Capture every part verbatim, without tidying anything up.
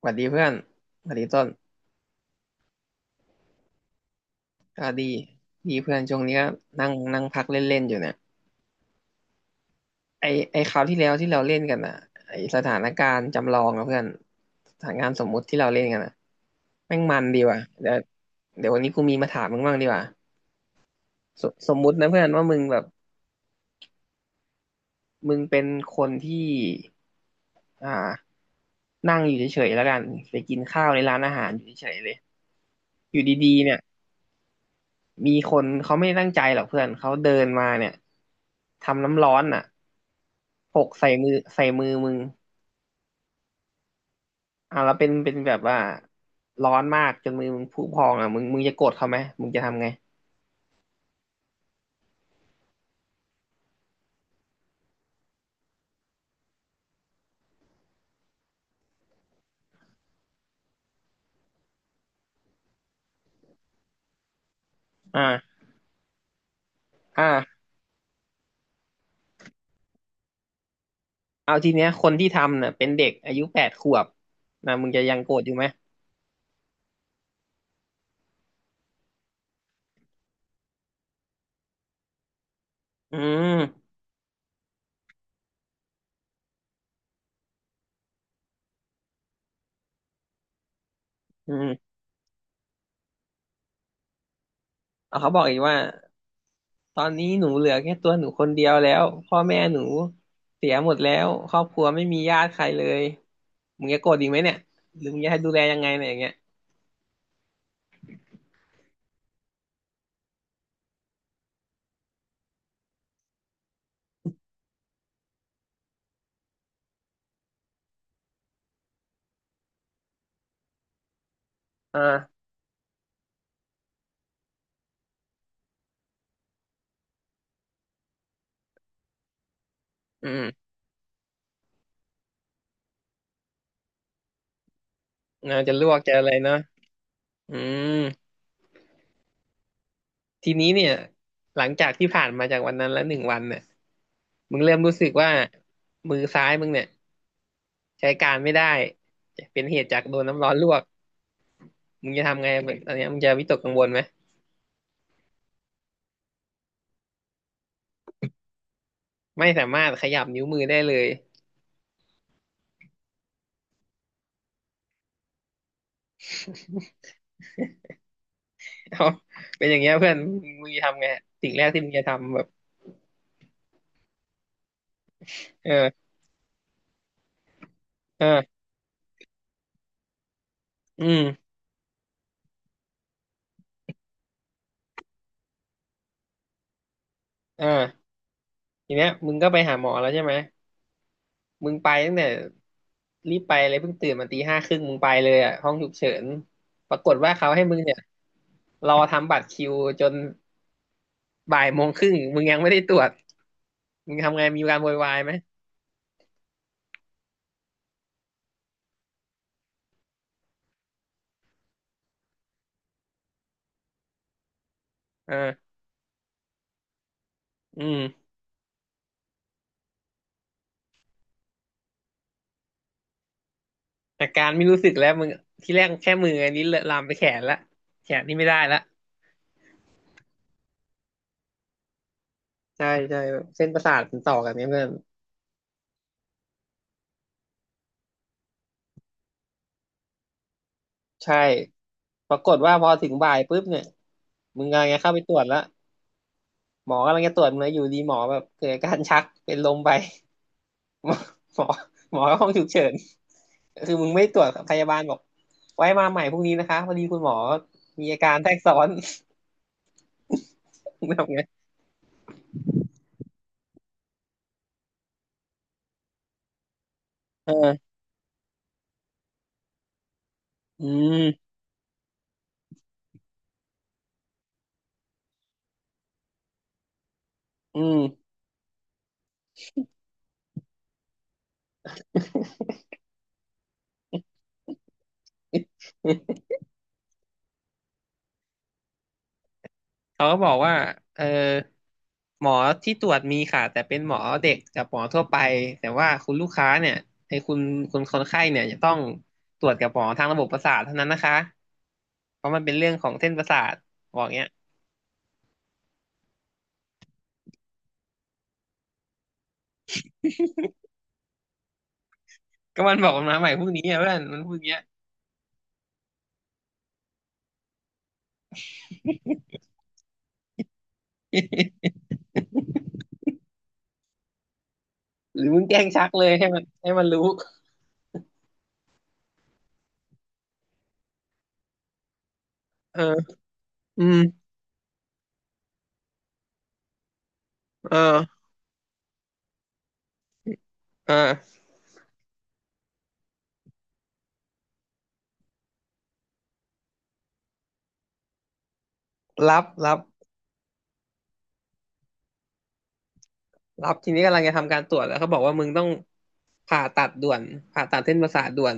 สวัสดีเพื่อนสวัสดีต้นก็ดีดีเพื่อนช่วงนี้ก็นั่งนั่งพักเล่นๆอยู่เนี่ยไอไอคราวที่แล้วที่เราเล่นกันอ่ะไอสถานการณ์จำลองนะเพื่อนสถานการณ์สมมุติที่เราเล่นกันอ่ะแม่งมันดีว่ะเดี๋ยวเดี๋ยววันนี้กูมีมาถามมึงบ้างดีกว่าสสมมุตินะเพื่อนว่ามึงแบบมึงเป็นคนที่อ่านั่งอยู่เฉยๆแล้วกันไปกินข้าวในร้านอาหารอยู่เฉยๆเลยอยู่ดีๆเนี่ย มีคนเขาไม่ได้ตั้งใจหรอกเพื่อนเขาเดินมาเนี่ยทำน้ำร้อนอ่ะหกใส่มือใส่มือมึงอ่ะแล้วเป็นเป็นแบบว่าร้อนมากจนมือมึงพุพองอ่ะมึงมึงจะโกรธเขาไหมมึงจะทำไงอ่าอ่าเอาทีเนี้ยคนที่ทำเนี่ยเป็นเด็กอายุแปดขวบนะมึงจะยังโกรธอยู่ไหมอืมอืมเอาเขาบอกอีกว่า ตอนนี้หนูเหลือแค่ตัวหนูคนเดียวแล้วพ่อแม่หนูเสียหมดแล้วครอบครัวไม่มีญาติใครเลยมึงจะโกรธอีกไหมเนี่ยหรือมึงจะให้ดูแลยังไงเนี่ยอย่างเงี้ยอ่าอืมเรานจะลวกจะอะไรเนาะอืมทีนี้เนี่ยหลังจากที่ผ่านมาจากวันนั้นแล้วหนึ่งวันเนี่ยมึงเริ่มรู้สึกว่ามือซ้ายมึงเนี่ยใช้การไม่ได้เป็นเหตุจากโดนน้ำร้อนลวกมึงจะทำไงตอนเนี้ยมึงจะวิตกกังวลไหมไม่สามารถขยับนิ้วมือได้เลย เอาเป็นอย่างเงี้ยเพื่อนมึงจะทำไงสิ่งแรกที่มึงจะทำแบบเออเอออืมเออทีเนี้ยมึงก็ไปหาหมอแล้วใช่ไหมมึงไปตั้งแต่รีบไปเลยเพิ่งตื่นมาตีห้าครึ่งมึงไปเลยอ่ะห้องฉุกเฉินปรากฏว่าเขาให้มึงเนี่ยรอทำบัตรคิวจนบ่ายโมงครึ่งมึงยังไม่ได้ตรวจมึงทำไงมีการโวยวายไหมเอออืมอาการไม่รู้สึกแล้วมึงที่แรกแค่มืออันนี้เลอะลามไปแขนละแขนนี่ไม่ได้ละใช่ใช่แบบเส้นประสาทมันต่อกันเนี่ยเพื่อน ใช่ ปรากฏว่าพอถึงบ่ายปุ๊บเนี่ย มึงกำลังจะเข้าไปตรวจแล้วหมอกำลังจะตรวจมึงแล้วอยู่ดีหมอแบบเกิดอาการชักเป็นลมไป หมอหมอหมอห้องฉุกเฉินคือมึงไม่ตรวจพยาบาลบอกไว้มาใหม่พรุ่งนี้นะคะพอดีคุณหมอมีอาการแทรกซ้อน มึงทำไงเอออืมอืม เขาก็บอกว่าเออหมอที่ตรวจมีค่ะแต่เป็นหมอเด็กกับหมอทั่วไปแต่ว่าคุณลูกค้าเนี่ยไอ้คุณคุณคนไข้เนี่ยจะต้องตรวจกับหมอทางระบบประสาทเท่านั้นนะคะเพราะมันเป็นเรื่องของเส้นประสาทบอกเงี้ยก็มันบอกมันมาใหม่พรุ่งนี้อ่ะเพื่อนมันพูดอย่างเงี้ยหรือมึงแกล้งชักเลยให้มันให้มันรู้เอออืมเออเออรับรับรับทีนี้กำลังจะทำการตรวจแล้วเขาบอกว่ามึงต้องผ่าตัดด่วนผ่าตัดเส้นประสาทด่วน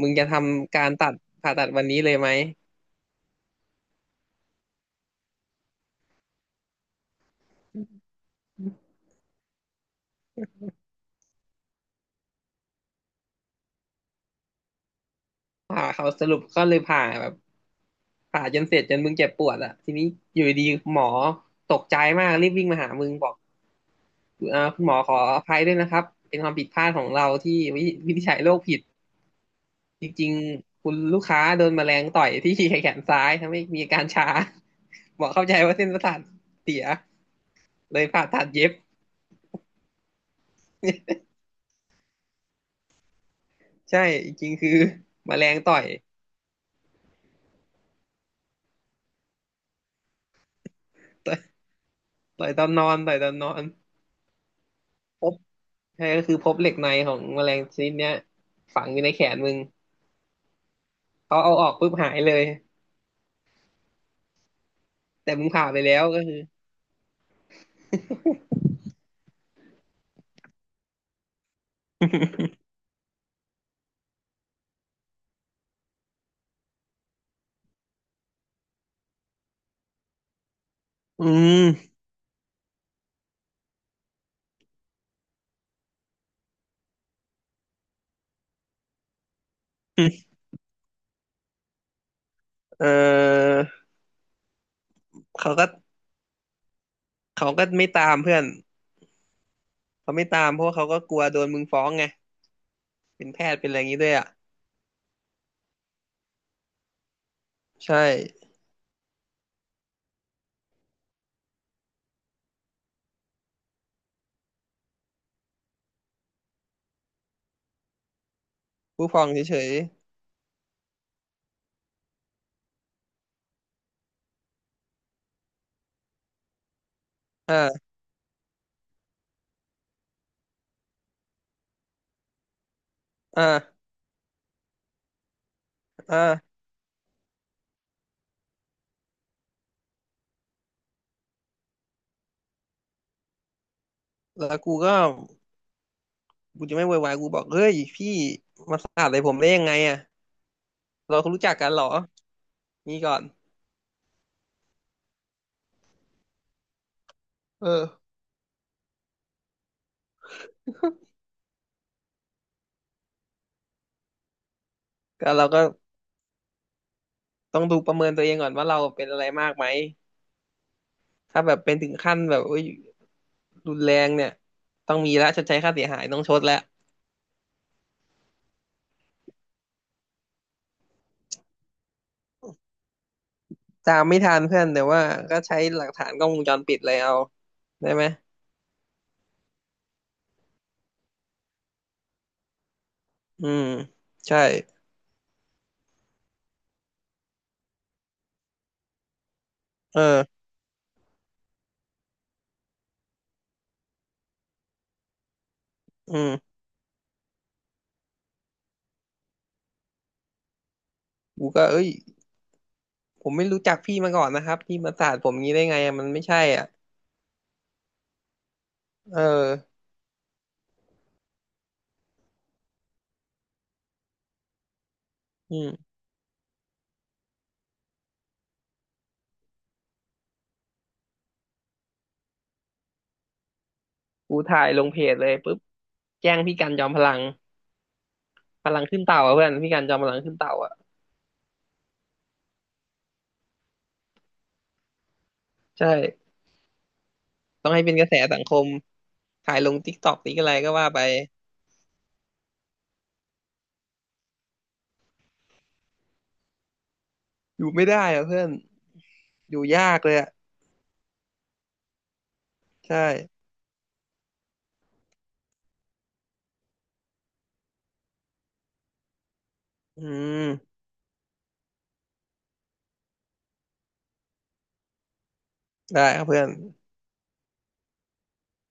มึงจะทำการตัดผ่าตัดวันนี้เลยไหมผ่าเขาสรุปก็เลยผ่าแบบผ่าจนเสร็จจนมึงเจ็บปวดอะทีนี้อยู่ดีหมอตกใจมากรีบวิ่งมาหามึงบอกเอ่อคุณหมอขออภัยด้วยนะครับเป็นความผิดพลาดของเราที่วิวินิจฉัยโรคผิดจริงๆคุณลูกค้าโดนแมลงต่อยที่แขนซ้ายทำให้มีอาการชาหม อเข้าใจว่าเส้นประสาทเสียเลยผ่าตัดเย็บ ใช่จริงๆคือแมลงต่อยต่อยต่อยตอนนอนต่อยตอนนอนพบ ใช่ก็คือพบเหล็กในของแมลงชนิดเนี้ยฝังอยู่ในแขนมึงเขาเอาออกปุ๊บหายเลยแต่มึงผ่าไปแล้วก็คือ อืมเออเขาก็เขาก็ไม่ตามเพื่อนเขาไม่ตามเพราะว่าเขาก็กลัวโดนมึงฟ้องไงเป็นแพทย์เป็นอะไรอย่างนี้ด้วยอ่ะใช่ผู้ฟ้องเฉยๆอ่าอ่าอ่าแล้วกูก็กูจะไม่โวยวายกูบอกเฮ้ยพี่มาสาดใส่ผมได้ยังไงอ่ะเราเขารู้จักกันเหรอนี่ก่อนเออก็เราก็ ต้องดูประเมินตัวเองก่อนว่าเราเป็นอะไรมากไหม ถ้าแบบเป็นถึงขั้นแบบโอ้ยรุนแรงเนี่ยต้องมีละชดใช้ค่าเสียหายต้องชดแล้วตามไม่ทันเพื่อนแต่ว่าก็ใช้หลักฐานกล้องวงจรปิดเลยเอาได้ไหม อืมใช่เอออืมกูก็เอ้ยผมไม่รู้จักพี่มาก่อนนะครับพี่มาสาดผมงี้ได้ไงอะมันไม่ใช่อ่ะเอออืมกูถ่ายลงเพจเลยปุ๊บแจ้งพี่กันจอมพลังพลังขึ้นเต่าอะเพื่อนพี่กันจอมพลังขึ้นเต่าอ่ะใช่ต้องให้เป็นกระแสสังคม ถ่ายลงติ๊กต็อกติ๊กอะไรก็ว่าไปอยู่ไม่ได้อะเพื่อนอยู่ยากเลยอะใช่อืมได้ครับเพื่อน